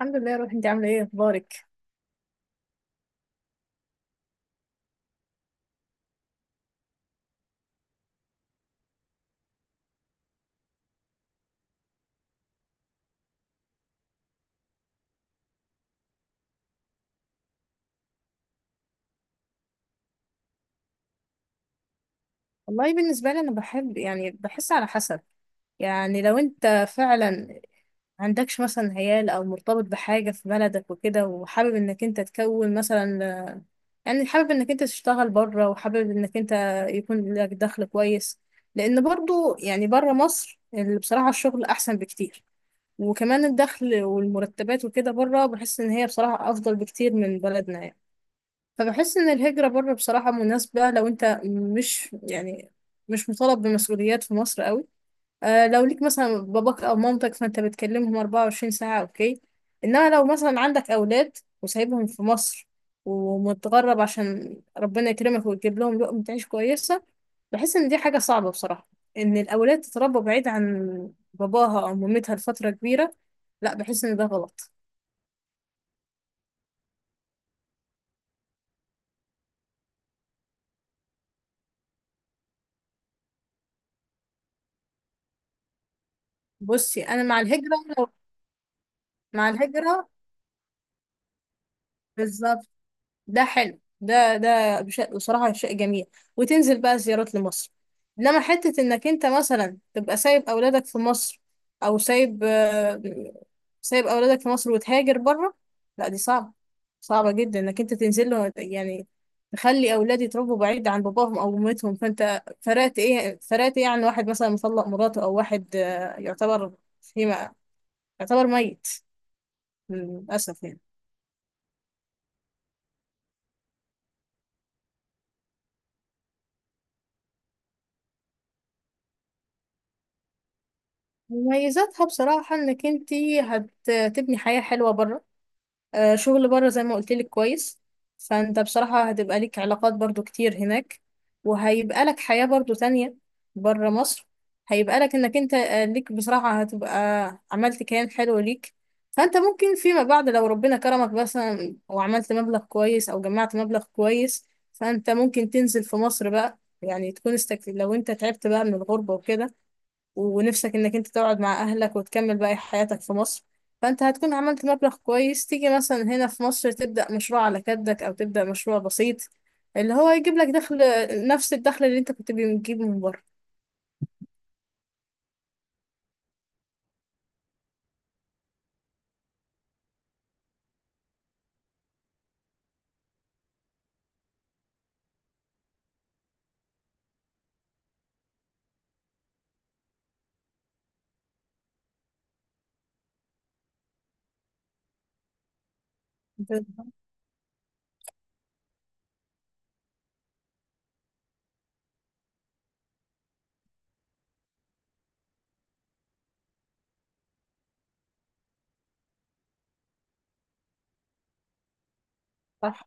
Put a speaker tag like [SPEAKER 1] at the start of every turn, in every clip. [SPEAKER 1] الحمد لله يا روحي. انت عامله ايه، اخبارك؟ والله بالنسبه لي انا بحب، يعني بحس على حسب. يعني لو انت فعلا عندكش مثلا عيال او مرتبط بحاجه في بلدك وكده، وحابب انك انت تكون مثلا، يعني حابب انك انت تشتغل بره، وحابب انك انت يكون لك دخل كويس. لان برضو يعني بره مصر اللي بصراحه الشغل احسن بكتير. وكمان الدخل والمرتبات وكده بره، بحس ان هي بصراحه افضل بكتير من بلدنا يعني. فبحس ان الهجرة بره بصراحة مناسبة، لو انت مش يعني مش مطالب بمسؤوليات في مصر قوي. آه، لو ليك مثلا باباك او مامتك فانت بتكلمهم 24 ساعة، اوكي. انما لو مثلا عندك اولاد وسايبهم في مصر، ومتغرب عشان ربنا يكرمك ويجيب لهم لقمة عيش كويسة، بحس ان دي حاجة صعبة بصراحة. ان الاولاد تتربى بعيد عن باباها او مامتها لفترة كبيرة، لا، بحس ان ده غلط. بصي، انا مع الهجرة. لو مع الهجرة، بالظبط. ده حلو. بصراحة شيء جميل. وتنزل بقى زيارات لمصر. إنما حتة إنك أنت مثلا تبقى سايب أولادك في مصر، أو سايب آه، سايب أولادك في مصر وتهاجر بره، لا، دي صعبة. صعبة جدا إنك أنت تنزل له، يعني تخلي أولادي يتربوا بعيد عن باباهم أو أمتهم. فأنت فرقت إيه عن واحد مثلا مطلق مراته؟ أو واحد آه، فيما يعتبر ميت للأسف يعني. مميزاتها بصراحة انك انتي هتبني حياة حلوة بره. آه، شغل بره زي ما قلتلك كويس. فانت بصراحة هتبقى ليك علاقات برضو كتير هناك، وهيبقى لك حياة برضو تانية بره مصر. هيبقى لك انك انت آه، ليك، بصراحة هتبقى عملت كيان حلو ليك. فانت ممكن فيما بعد لو ربنا كرمك مثلا وعملت مبلغ كويس او جمعت مبلغ كويس، فانت ممكن تنزل في مصر بقى، يعني لو انت تعبت بقى من الغربة وكده، ونفسك انك انت تقعد مع اهلك وتكمل باقي حياتك في مصر، فانت هتكون عملت مبلغ كويس، تيجي مثلا هنا في مصر تبدأ مشروع على قدك او تبدأ مشروع بسيط اللي هو يجيب لك دخل، نفس الدخل اللي انت كنت بتجيبه من بره. ده صح.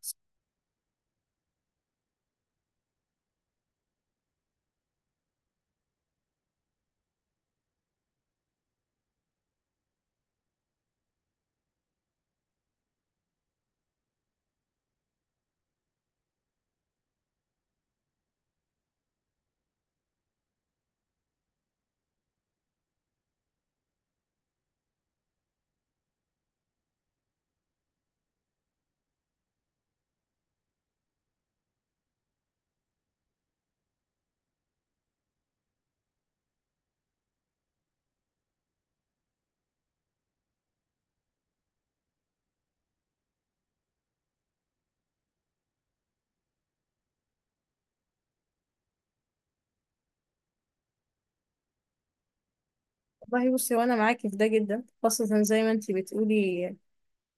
[SPEAKER 1] والله بصي، وانا معاكي في ده جدا، خاصة زي ما انت بتقولي،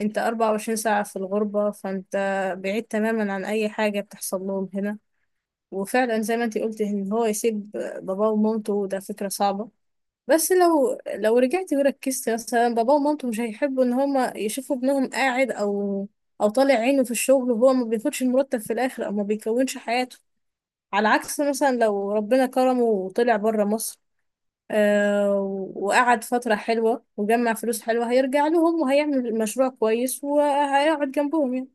[SPEAKER 1] انت 24 ساعة في الغربة، فانت بعيد تماما عن اي حاجة بتحصل لهم هنا. وفعلا زي ما انت قلتي، ان هو يسيب باباه ومامته، ده فكرة صعبة. بس لو رجعت وركزت، مثلا بابا ومامته مش هيحبوا ان هما يشوفوا ابنهم قاعد او طالع عينه في الشغل، وهو ما بياخدش المرتب في الاخر، او ما بيكونش حياته. على عكس مثلا لو ربنا كرمه وطلع بره مصر، آه وقعد فترة حلوة وجمع فلوس حلوة، هيرجع لهم وهيعمل مشروع كويس وهيقعد جنبهم يعني.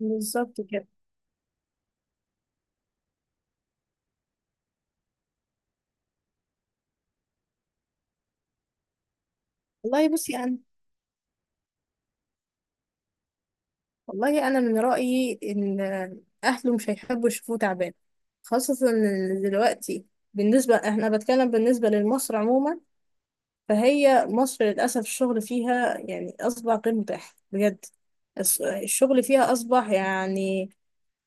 [SPEAKER 1] بالظبط كده. والله بصي انا والله انا من رايي ان اهله مش هيحبوا يشوفوه تعبان. خاصه ان دلوقتي بالنسبه احنا بتكلم بالنسبه لمصر عموما، فهي مصر للاسف الشغل فيها يعني اصبح غير متاح بجد. الشغل فيها اصبح يعني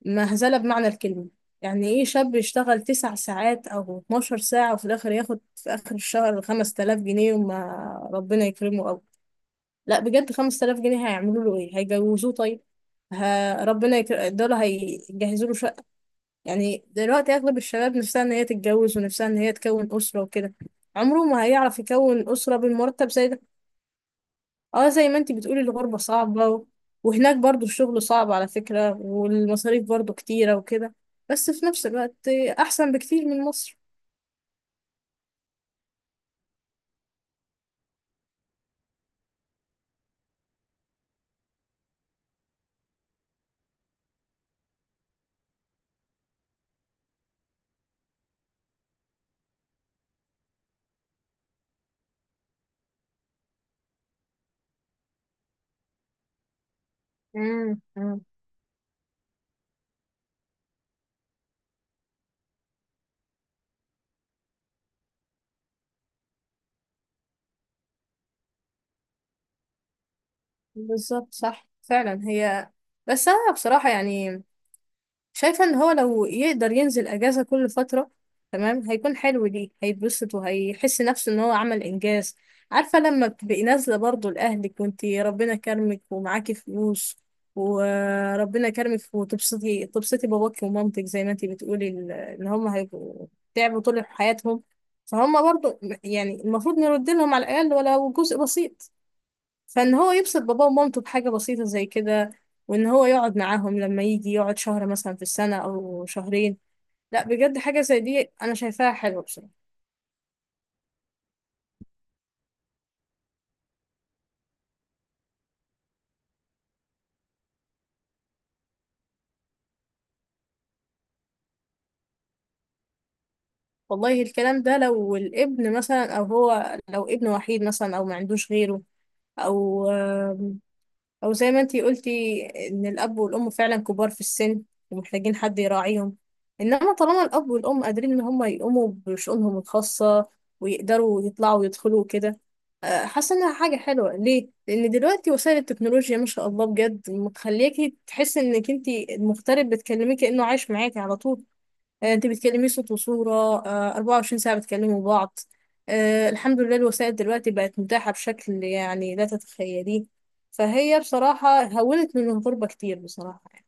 [SPEAKER 1] مهزله بمعنى الكلمه. يعني ايه شاب يشتغل 9 ساعات او 12 ساعه وفي الاخر ياخد في اخر الشهر 5000 جنيه؟ وما ربنا يكرمه. لا بجد، 5000 جنيه هيعملوا له ايه؟ هيجوزوه طيب؟ دول هيجهزوا له شقة؟ يعني دلوقتي اغلب الشباب نفسها ان هي تتجوز، ونفسها ان هي تكون اسرة وكده. عمره ما هيعرف يكون اسرة بالمرتب زي ده. اه، زي ما انتي بتقولي الغربة صعبة وهناك برضو الشغل صعب على فكرة، والمصاريف برضو كتيرة وكده، بس في نفس الوقت احسن بكتير من مصر. مم. مم. بالظبط، صح فعلا هي. بس انا بصراحة يعني شايفة ان هو لو يقدر ينزل اجازة كل فترة، تمام، هيكون حلو ليه، هيتبسط وهيحس نفسه ان هو عمل انجاز. عارفة لما بتبقي نازلة برضه لأهلك، وانتي ربنا كرمك ومعاكي فلوس، وربنا كرمك، وتبسطي، تبسطي باباكي ومامتك. زي ما انتي بتقولي، ان هم هيبقوا تعبوا طول حياتهم، فهم برضه يعني المفروض نرد لهم على الأقل ولو جزء بسيط. فان هو يبسط باباه ومامته بحاجة بسيطة زي كده، وان هو يقعد معاهم لما يجي، يقعد شهر مثلا في السنة او شهرين. لا بجد، حاجة زي دي انا شايفاها حلوة بصراحة. والله الكلام ده لو الابن مثلا، او هو لو ابن وحيد مثلا، او ما عندوش غيره، او او زي ما انتي قلتي ان الاب والام فعلا كبار في السن ومحتاجين حد يراعيهم. انما طالما الاب والام قادرين ان هم يقوموا بشؤونهم الخاصه، ويقدروا يطلعوا ويدخلوا كده، حاسه انها حاجه حلوه ليه. لان دلوقتي وسائل التكنولوجيا ما شاء الله بجد مخلياكي تحسي انك انتي المغترب بتكلميه كانه عايش معاكي على طول. آه، انت بتكلمي صوت وصورة، آه، 24 ساعة بتكلموا بعض. آه، الحمد لله الوسائل دلوقتي بقت متاحة بشكل يعني لا تتخيليه. فهي بصراحة هونت من الغربة كتير بصراحة يعني.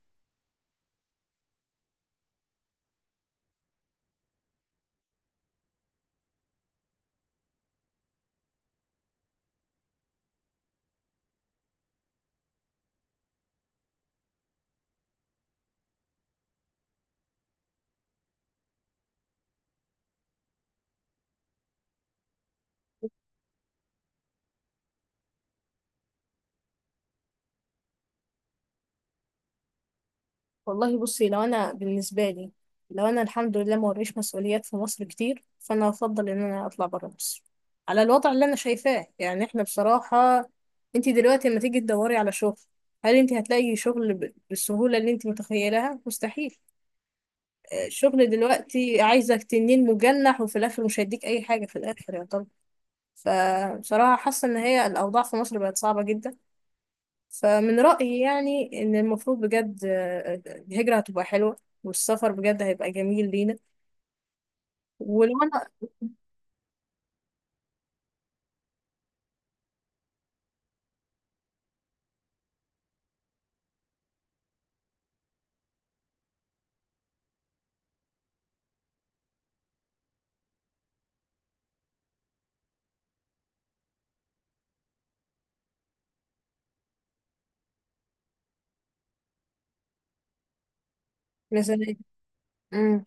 [SPEAKER 1] والله بصي، لو أنا الحمد لله ما وريش مسؤوليات في مصر كتير، فأنا أفضل إن أنا أطلع برا مصر، على الوضع اللي أنا شايفاه. يعني إحنا بصراحة، أنت دلوقتي لما تيجي تدوري على شغل، هل أنت هتلاقي شغل بالسهولة اللي أنت متخيلها؟ مستحيل. الشغل دلوقتي عايزك تنين مجنح، وفي الاخر مش هيديك اي حاجه في الاخر، يا طب. فبصراحه حاسه ان هي الاوضاع في مصر بقت صعبه جدا. فمن رايي يعني ان المفروض بجد الهجره هتبقى حلوه، والسفر بجد هيبقى جميل لينا. ولو انا مثلا. امم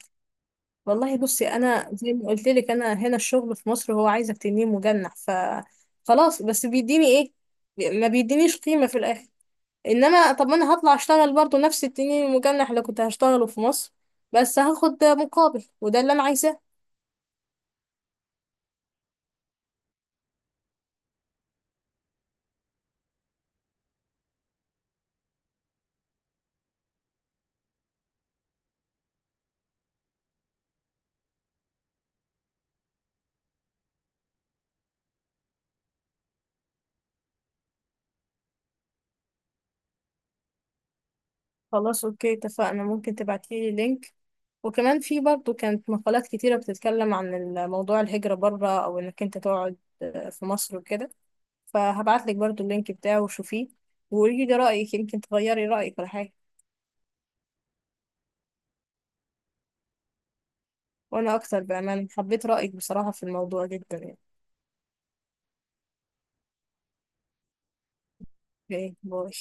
[SPEAKER 1] والله بصي، انا زي ما قلت لك انا هنا الشغل في مصر هو عايزك تنين مجنح، خلاص. بس بيديني ايه؟ ما بيدينيش قيمه في الاخر. انما طب، ما انا هطلع اشتغل برضه نفس التنين المجنح اللي كنت هشتغله في مصر، بس هاخد مقابل، وده اللي انا عايزاه. خلاص اوكي، اتفقنا. ممكن تبعتيلي لينك، وكمان في برضه كانت مقالات كتيرة بتتكلم عن موضوع الهجرة بره، او انك انت تقعد في مصر وكده، فهبعتلك برضه اللينك بتاعه وشوفيه، وقولي لي رأيك. يمكن تغيري رأيك ولا حاجة. وانا اكتر بأمان، حبيت رأيك بصراحة في الموضوع جدا يعني. اوكي، باي.